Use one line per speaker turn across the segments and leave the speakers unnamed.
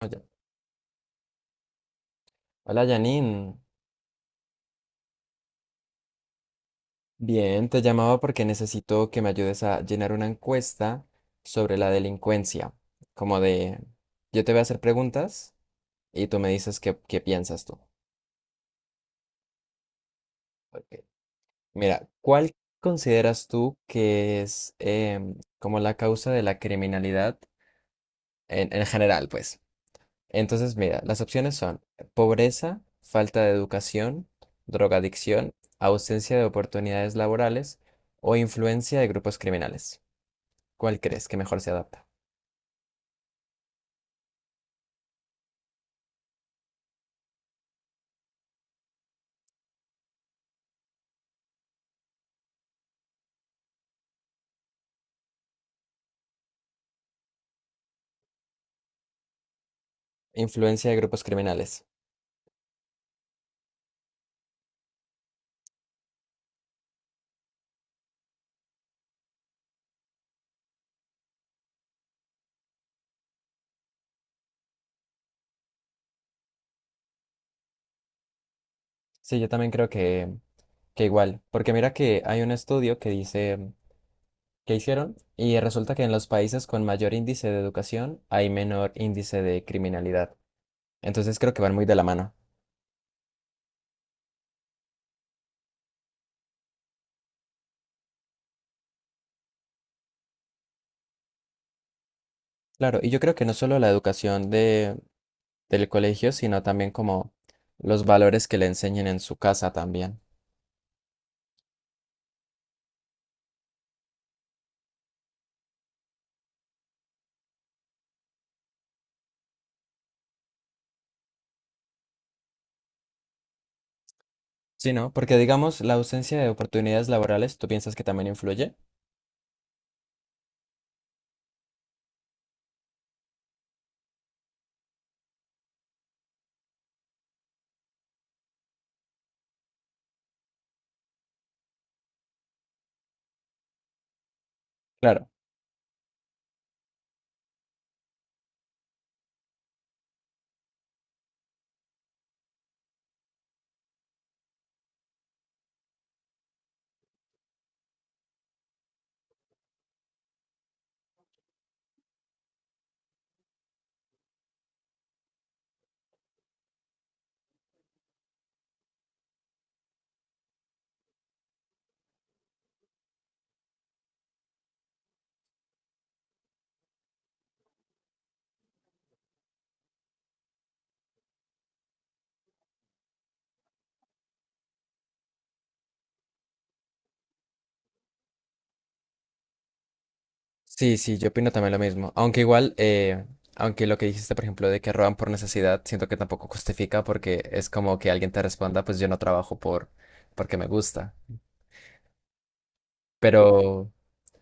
Hola hola, Janine. Bien, te llamaba porque necesito que me ayudes a llenar una encuesta sobre la delincuencia. Como de, yo te voy a hacer preguntas y tú me dices qué piensas tú. Ok. Mira, ¿cuál consideras tú que es como la causa de la criminalidad en general, pues? Entonces, mira, las opciones son pobreza, falta de educación, drogadicción, ausencia de oportunidades laborales o influencia de grupos criminales. ¿Cuál crees que mejor se adapta? Influencia de grupos criminales. Sí, yo también que igual, porque mira que hay un estudio que dice que hicieron y resulta que en los países con mayor índice de educación hay menor índice de criminalidad. Entonces creo que van muy de la mano. Claro, y yo creo que no solo la educación de del colegio, sino también como los valores que le enseñen en su casa también. Sí, ¿no? Porque digamos, la ausencia de oportunidades laborales, ¿tú piensas que también influye? Claro. Sí, sí, yo opino también lo mismo. Aunque igual, aunque lo que dijiste, por ejemplo, de que roban por necesidad, siento que tampoco justifica porque es como que alguien te responda, pues yo no trabajo porque me gusta. Pero,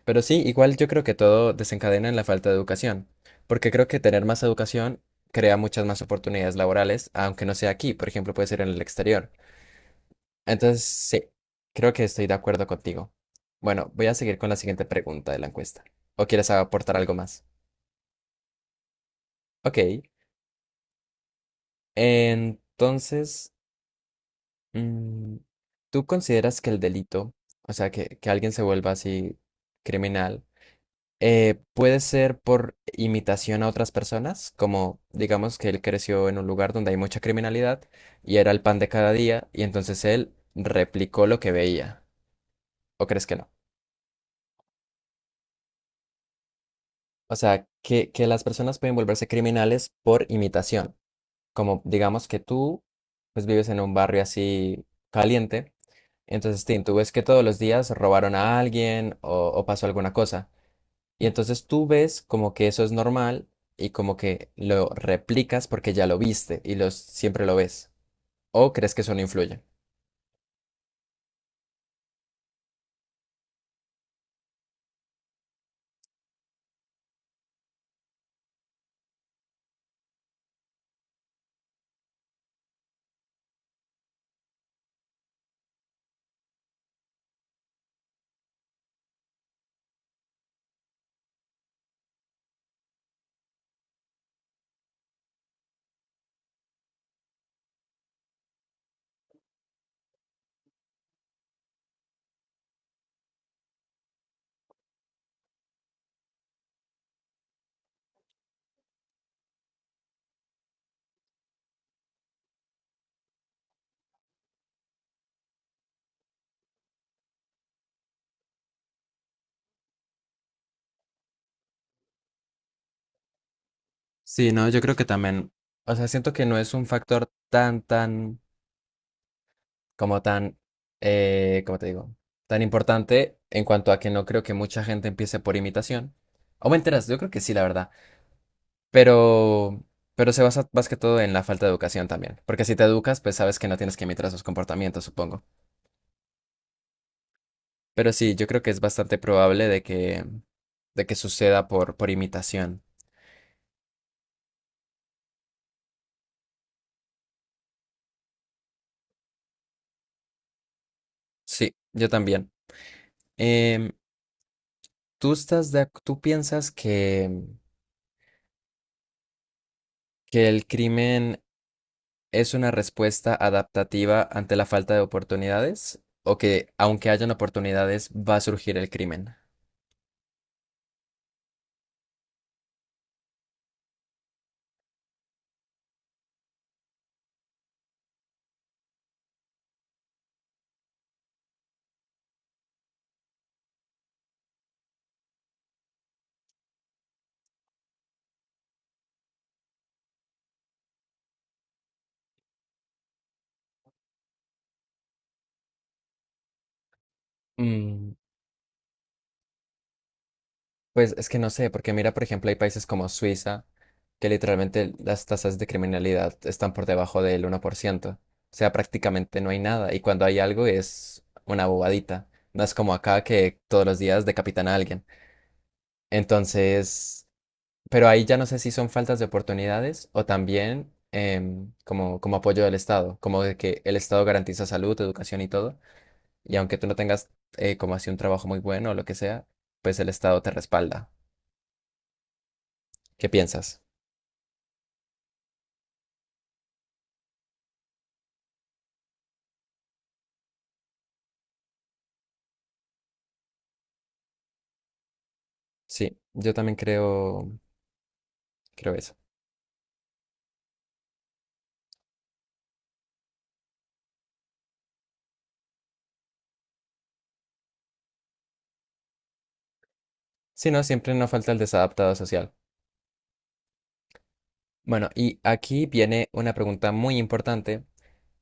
pero sí, igual yo creo que todo desencadena en la falta de educación, porque creo que tener más educación crea muchas más oportunidades laborales, aunque no sea aquí, por ejemplo, puede ser en el exterior. Entonces, sí, creo que estoy de acuerdo contigo. Bueno, voy a seguir con la siguiente pregunta de la encuesta. ¿O quieres aportar algo más? Ok. Entonces, mm, ¿tú consideras que el delito, o sea, que alguien se vuelva así criminal, puede ser por imitación a otras personas? Como, digamos, que él creció en un lugar donde hay mucha criminalidad y era el pan de cada día, y entonces él replicó lo que veía. ¿O crees que no? O sea, que las personas pueden volverse criminales por imitación. Como, digamos, pues, vives en un barrio así caliente. Entonces, Tim, tú ves que todos los días robaron a alguien o pasó alguna cosa. Y entonces tú ves como que eso es normal y como que lo replicas porque ya lo viste y los, siempre lo ves. ¿O crees que eso no influye? Sí, no, yo creo que también. O sea, siento que no es un factor como tan, ¿cómo te digo? Tan importante en cuanto a que no creo que mucha gente empiece por imitación. O me enteras, yo creo que sí, la verdad. Pero, pero se basa más que todo en la falta de educación también. Porque si te educas, pues sabes que no tienes que imitar sus comportamientos, supongo. Pero sí, yo creo que es bastante probable de que suceda por imitación. Sí, yo también. Em, ¿Tú estás tú piensas que el crimen es una respuesta adaptativa ante la falta de oportunidades? ¿O que aunque hayan oportunidades, va a surgir el crimen? Mm, Pues es que no sé, porque mira, por ejemplo, hay países como Suiza, que literalmente las tasas de criminalidad están por debajo del 1%. O sea, prácticamente no hay nada. Y cuando hay algo es una bobadita. No es como acá que todos los días decapitan a alguien. Entonces, pero ahí ya no sé si son faltas de oportunidades o también como, como apoyo del Estado, como de que el Estado garantiza salud, educación y todo. Y aunque tú no tengas como así un trabajo muy bueno o lo que sea, pues el Estado te respalda. ¿Qué piensas? Sí, yo también creo, creo eso. Si no, siempre nos falta el desadaptado social. Bueno, y aquí viene una pregunta muy importante,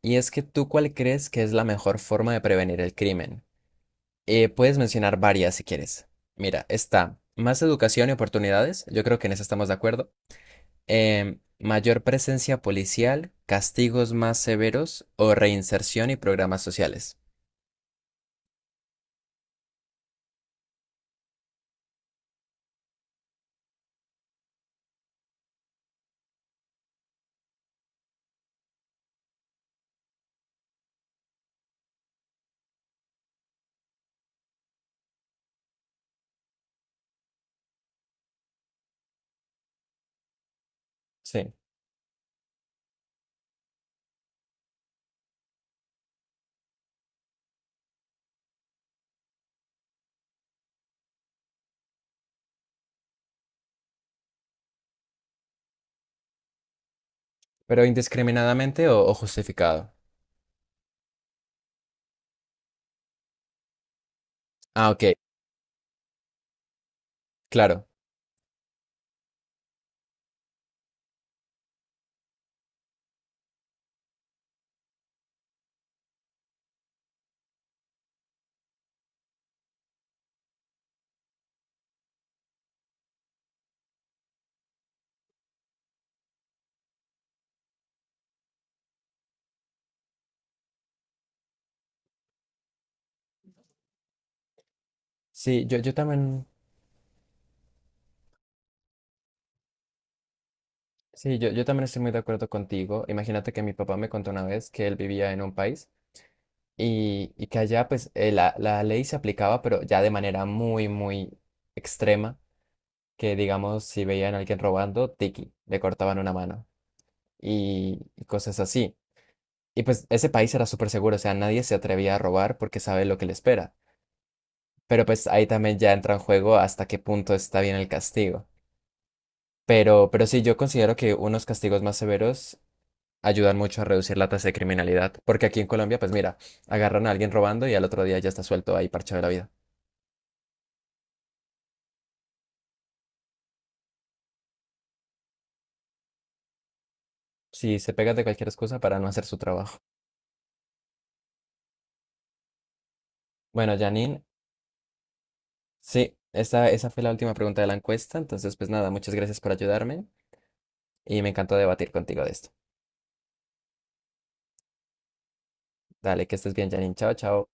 y es que tú cuál crees que es la mejor forma de prevenir el crimen. Puedes mencionar varias si quieres. Mira, está más educación y oportunidades, yo creo que en eso estamos de acuerdo. Em, mayor presencia policial, castigos más severos o reinserción y programas sociales. Sí, pero indiscriminadamente o justificado. Ah, ok, claro. Sí, yo, yo también, sí, yo también estoy muy de acuerdo contigo. Imagínate que mi papá me contó una vez que él vivía en un país y que allá pues la ley se aplicaba, pero ya de manera muy extrema, que digamos, si veían a alguien robando, tiki, le cortaban una mano y cosas así. Y pues ese país era súper seguro, o sea, nadie se atrevía a robar porque sabe lo que le espera. Pero pues ahí también ya entra en juego hasta qué punto está bien el castigo. Pero sí, yo considero que unos castigos más severos ayudan mucho a reducir la tasa de criminalidad. Porque aquí en Colombia, pues mira, agarran a alguien robando y al otro día ya está suelto ahí parchado de la vida. Si se pegan de cualquier excusa para no hacer su trabajo. Bueno, Janine, sí, esa fue la última pregunta de la encuesta. Entonces, pues nada, muchas gracias por ayudarme y me encantó debatir contigo de esto. Dale, que estés bien, Janine. Chao, chao.